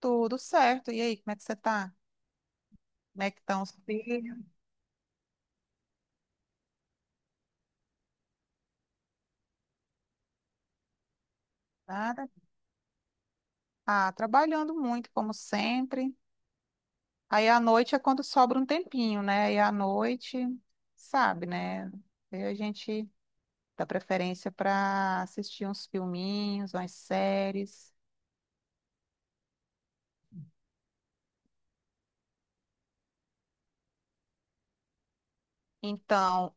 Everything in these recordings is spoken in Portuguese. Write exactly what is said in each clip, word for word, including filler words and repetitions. Tudo certo. E aí, como é que você tá? Como é que estão os filhos? Nada? Ah, trabalhando muito, como sempre. Aí à noite é quando sobra um tempinho, né? E à noite, sabe, né? Aí a gente dá preferência para assistir uns filminhos, umas séries. Então,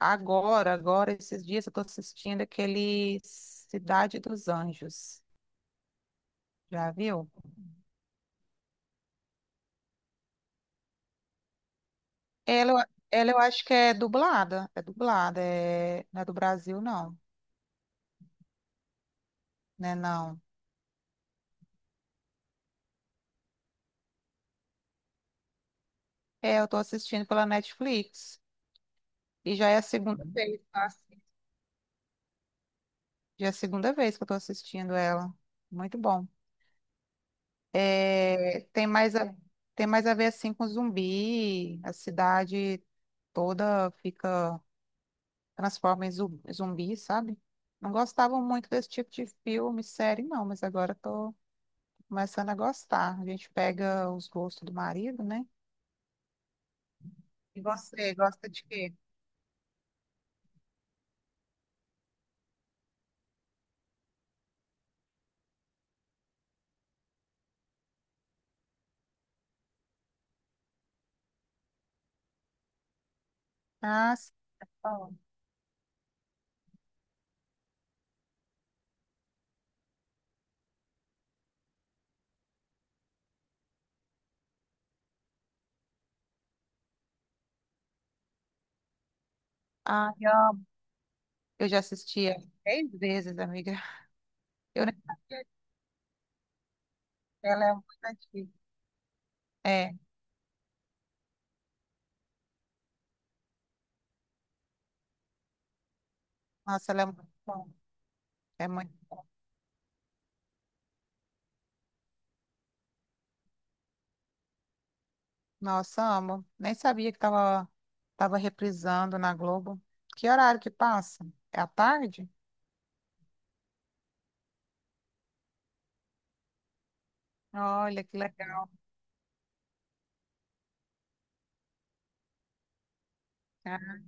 agora, agora, esses dias eu tô assistindo aquele Cidade dos Anjos. Já viu? Ela, eu- ela eu acho que é dublada. É dublada, é... não é do Brasil, não, né? Não. É, eu tô assistindo pela Netflix. E já é a segunda Hum. vez, tá? Já é a segunda vez que eu tô assistindo ela. Muito bom. É, tem mais a, tem mais a ver assim com zumbi. A cidade toda fica transforma em zu- zumbi, sabe? Não gostava muito desse tipo de filme, série, não, mas agora tô começando a gostar. A gente pega os gostos do marido, né? E você, gosta de quê? Ah, sim. Ah, eu já assisti ela três vezes, amiga. Eu, nem- ela é muito antiga. É, nossa, ela é muito bom. É muito... Nossa, amo. Nem sabia que tava, tava reprisando na Globo. Que horário que passa? É à tarde? Olha, que legal, cara.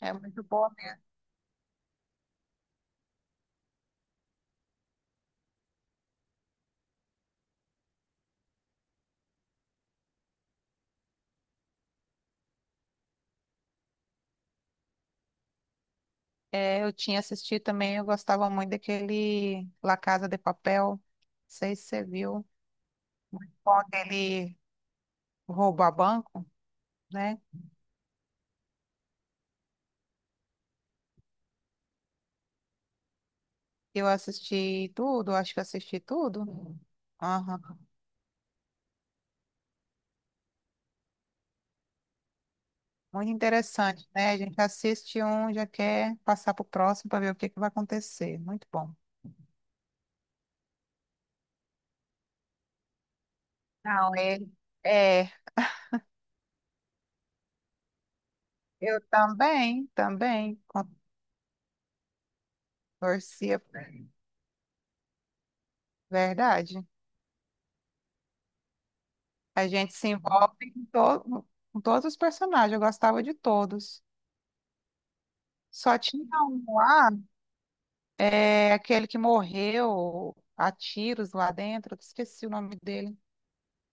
É muito boa mesmo. É, eu tinha assistido também, eu gostava muito daquele La Casa de Papel. Não sei se você viu. Quando ele rouba banco, né? Eu assisti tudo, acho que assisti tudo. Aham. Muito interessante, né? A gente assiste um, já quer passar para o próximo para ver o que que vai acontecer. Muito bom. Não, ele é, eu também, também con- torcia, verdade. A gente se envolve com, to- com todos os personagens, eu gostava de todos. Só tinha um lá, é, aquele que morreu a tiros lá dentro, eu esqueci o nome dele.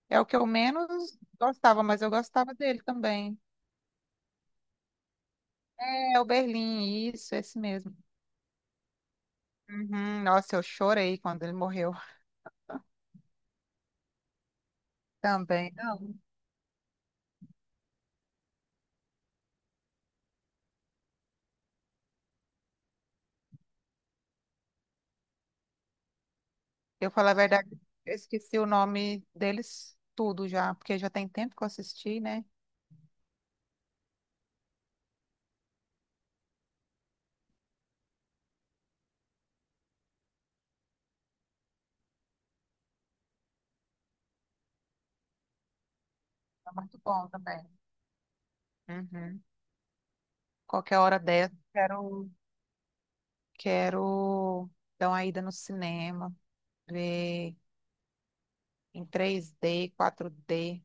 É o que eu menos gostava, mas eu gostava dele também. É o Berlim, isso, esse mesmo. Uhum. Nossa, eu chorei quando ele morreu também. Não. Eu falo a verdade, eu esqueci o nome deles tudo já, porque já tem tempo que eu assisti, né? É muito bom também. Uhum. Qualquer hora dessa, quero, quero dar uma ida no cinema, ver em três D, quatro D.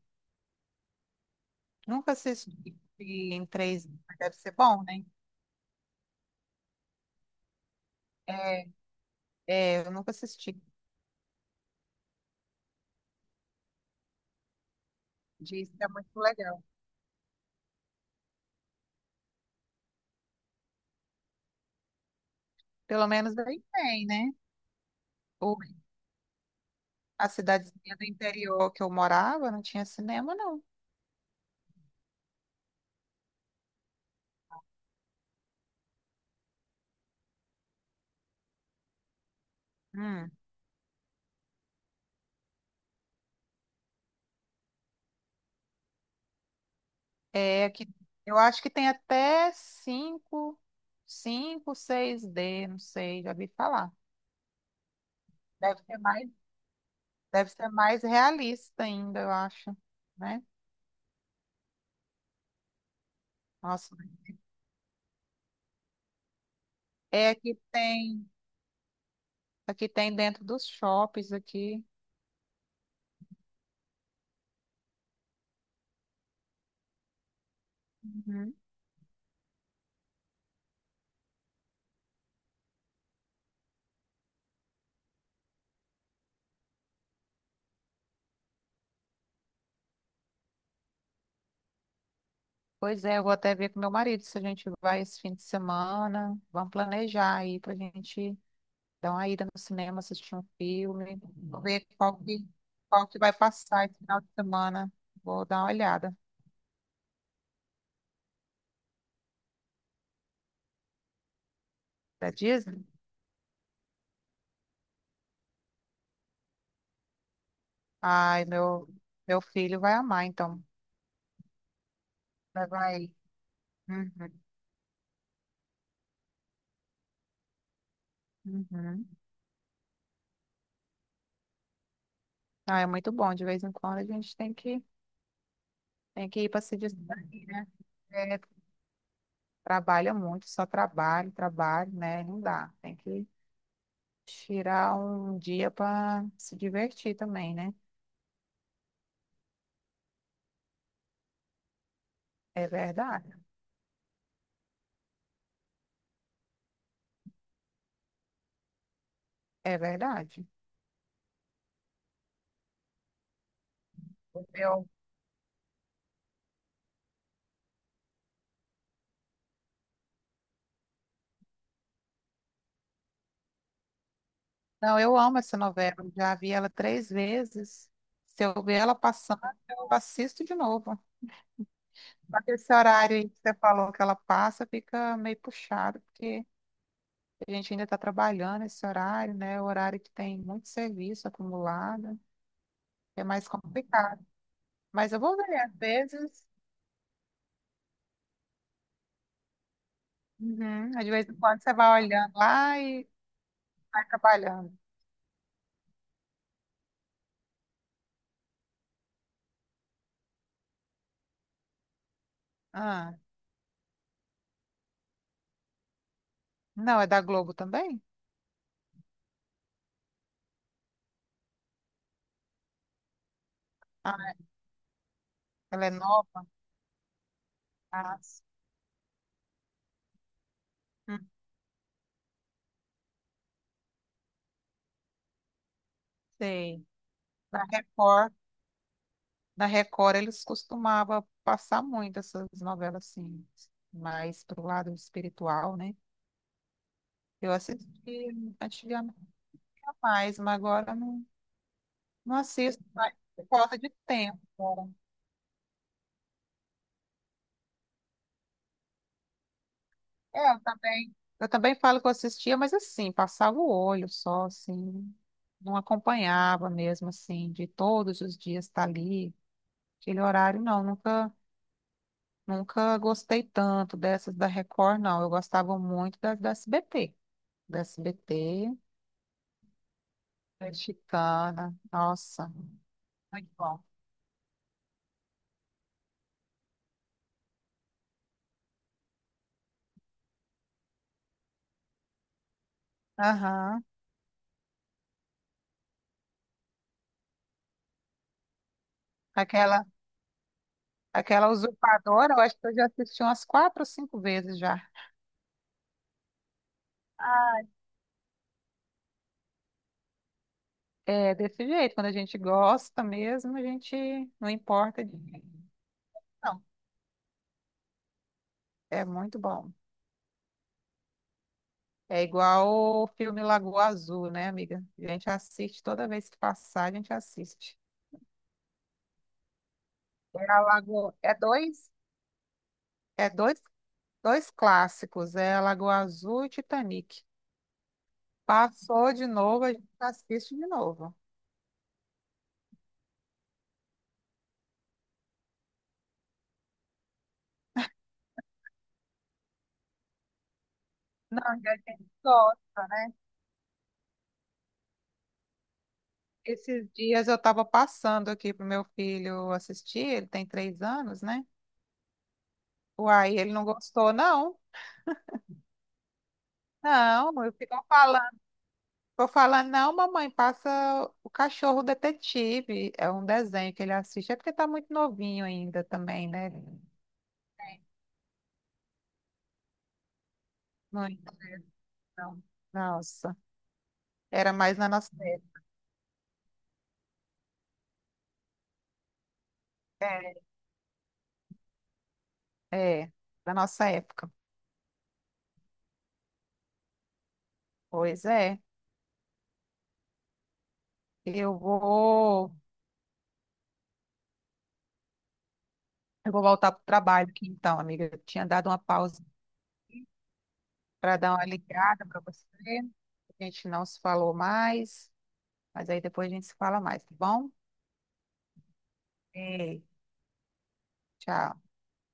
Nunca assisti em três D, mas deve ser bom, né? É, é, eu nunca assisti. Diz que é muito legal. Pelo menos aí tem, né? O, a cidadezinha do interior que eu morava não tinha cinema, não. Hum. É que eu acho que tem até cinco, cinco, seis d não sei, já vi falar. Deve ser mais, deve ser mais realista ainda, eu acho, né? Nossa, é que tem, aqui tem dentro dos shoppings aqui. Uhum. Pois é, eu vou até ver com meu marido se a gente vai esse fim de semana. Vamos planejar aí pra gente dá uma ida no cinema, assistir um filme, ver qual que, qual que vai passar esse final de semana. Vou dar uma olhada. Da Disney? Ai, meu, meu filho vai amar, então. Vai, vai. Uhum, uhum. Ah, é muito bom. De vez em quando a gente tem que, tem que ir para se distrair, né? É, trabalha muito, só trabalho, trabalho, né? Não dá. Tem que tirar um dia para se divertir também, né? É verdade. É verdade. O meu Não, eu amo essa novela. Já vi ela três vezes. Se eu ver ela passando, eu assisto de novo. Esse horário aí que você falou que ela passa fica meio puxado, porque a gente ainda está trabalhando esse horário, né? O horário que tem muito serviço acumulado. É mais complicado. Mas eu vou ver, às vezes. Uhum, de vez em quando você vai olhando lá e vai trabalhando. Ah, não, é da Globo também? Ah, ela é nova? Ah, hum, sei. Da Record. Na Record eles costumavam passar muito essas novelas assim, mais pro lado espiritual, né? Eu assisti antigamente mais, mas agora não, não assisto mais por falta de tempo agora. É, eu também. Eu também falo que eu assistia, mas assim, passava o olho só, assim, não acompanhava mesmo, assim, de todos os dias estar ali, aquele horário, não, nunca, nunca gostei tanto dessas da Record, não. Eu gostava muito das da S B T da S B T. Mexicana. Nossa, muito bom. Aham. Aquela, aquela usurpadora, eu acho que eu já assisti umas quatro ou cinco vezes já. Ah. É desse jeito, quando a gente gosta mesmo, a gente não importa de ninguém. Não, é muito bom. É igual o filme Lagoa Azul, né, amiga? A gente assiste toda vez que passar, a gente assiste. É a Lagoa, é dois, é dois, dois clássicos, é a Lagoa Azul e Titanic. Passou de novo, a gente assiste de novo. Não, ainda tem gosta, né? Esses dias eu estava passando aqui pro meu filho assistir, ele tem três anos, né? Uai, ele não gostou, não. Não, eu fico falando, ficou falando, não, mamãe, passa o cachorro detetive. É um desenho que ele assiste, é porque tá muito novinho ainda também, né? É, muito, não. Nossa, era mais na nossa época. É, é, da nossa época. Pois é. Eu vou, eu vou voltar pro trabalho aqui então, amiga. Eu tinha dado uma pausa para dar uma ligada para você. A gente não se falou mais, mas aí depois a gente se fala mais, tá bom? Ei, tchau.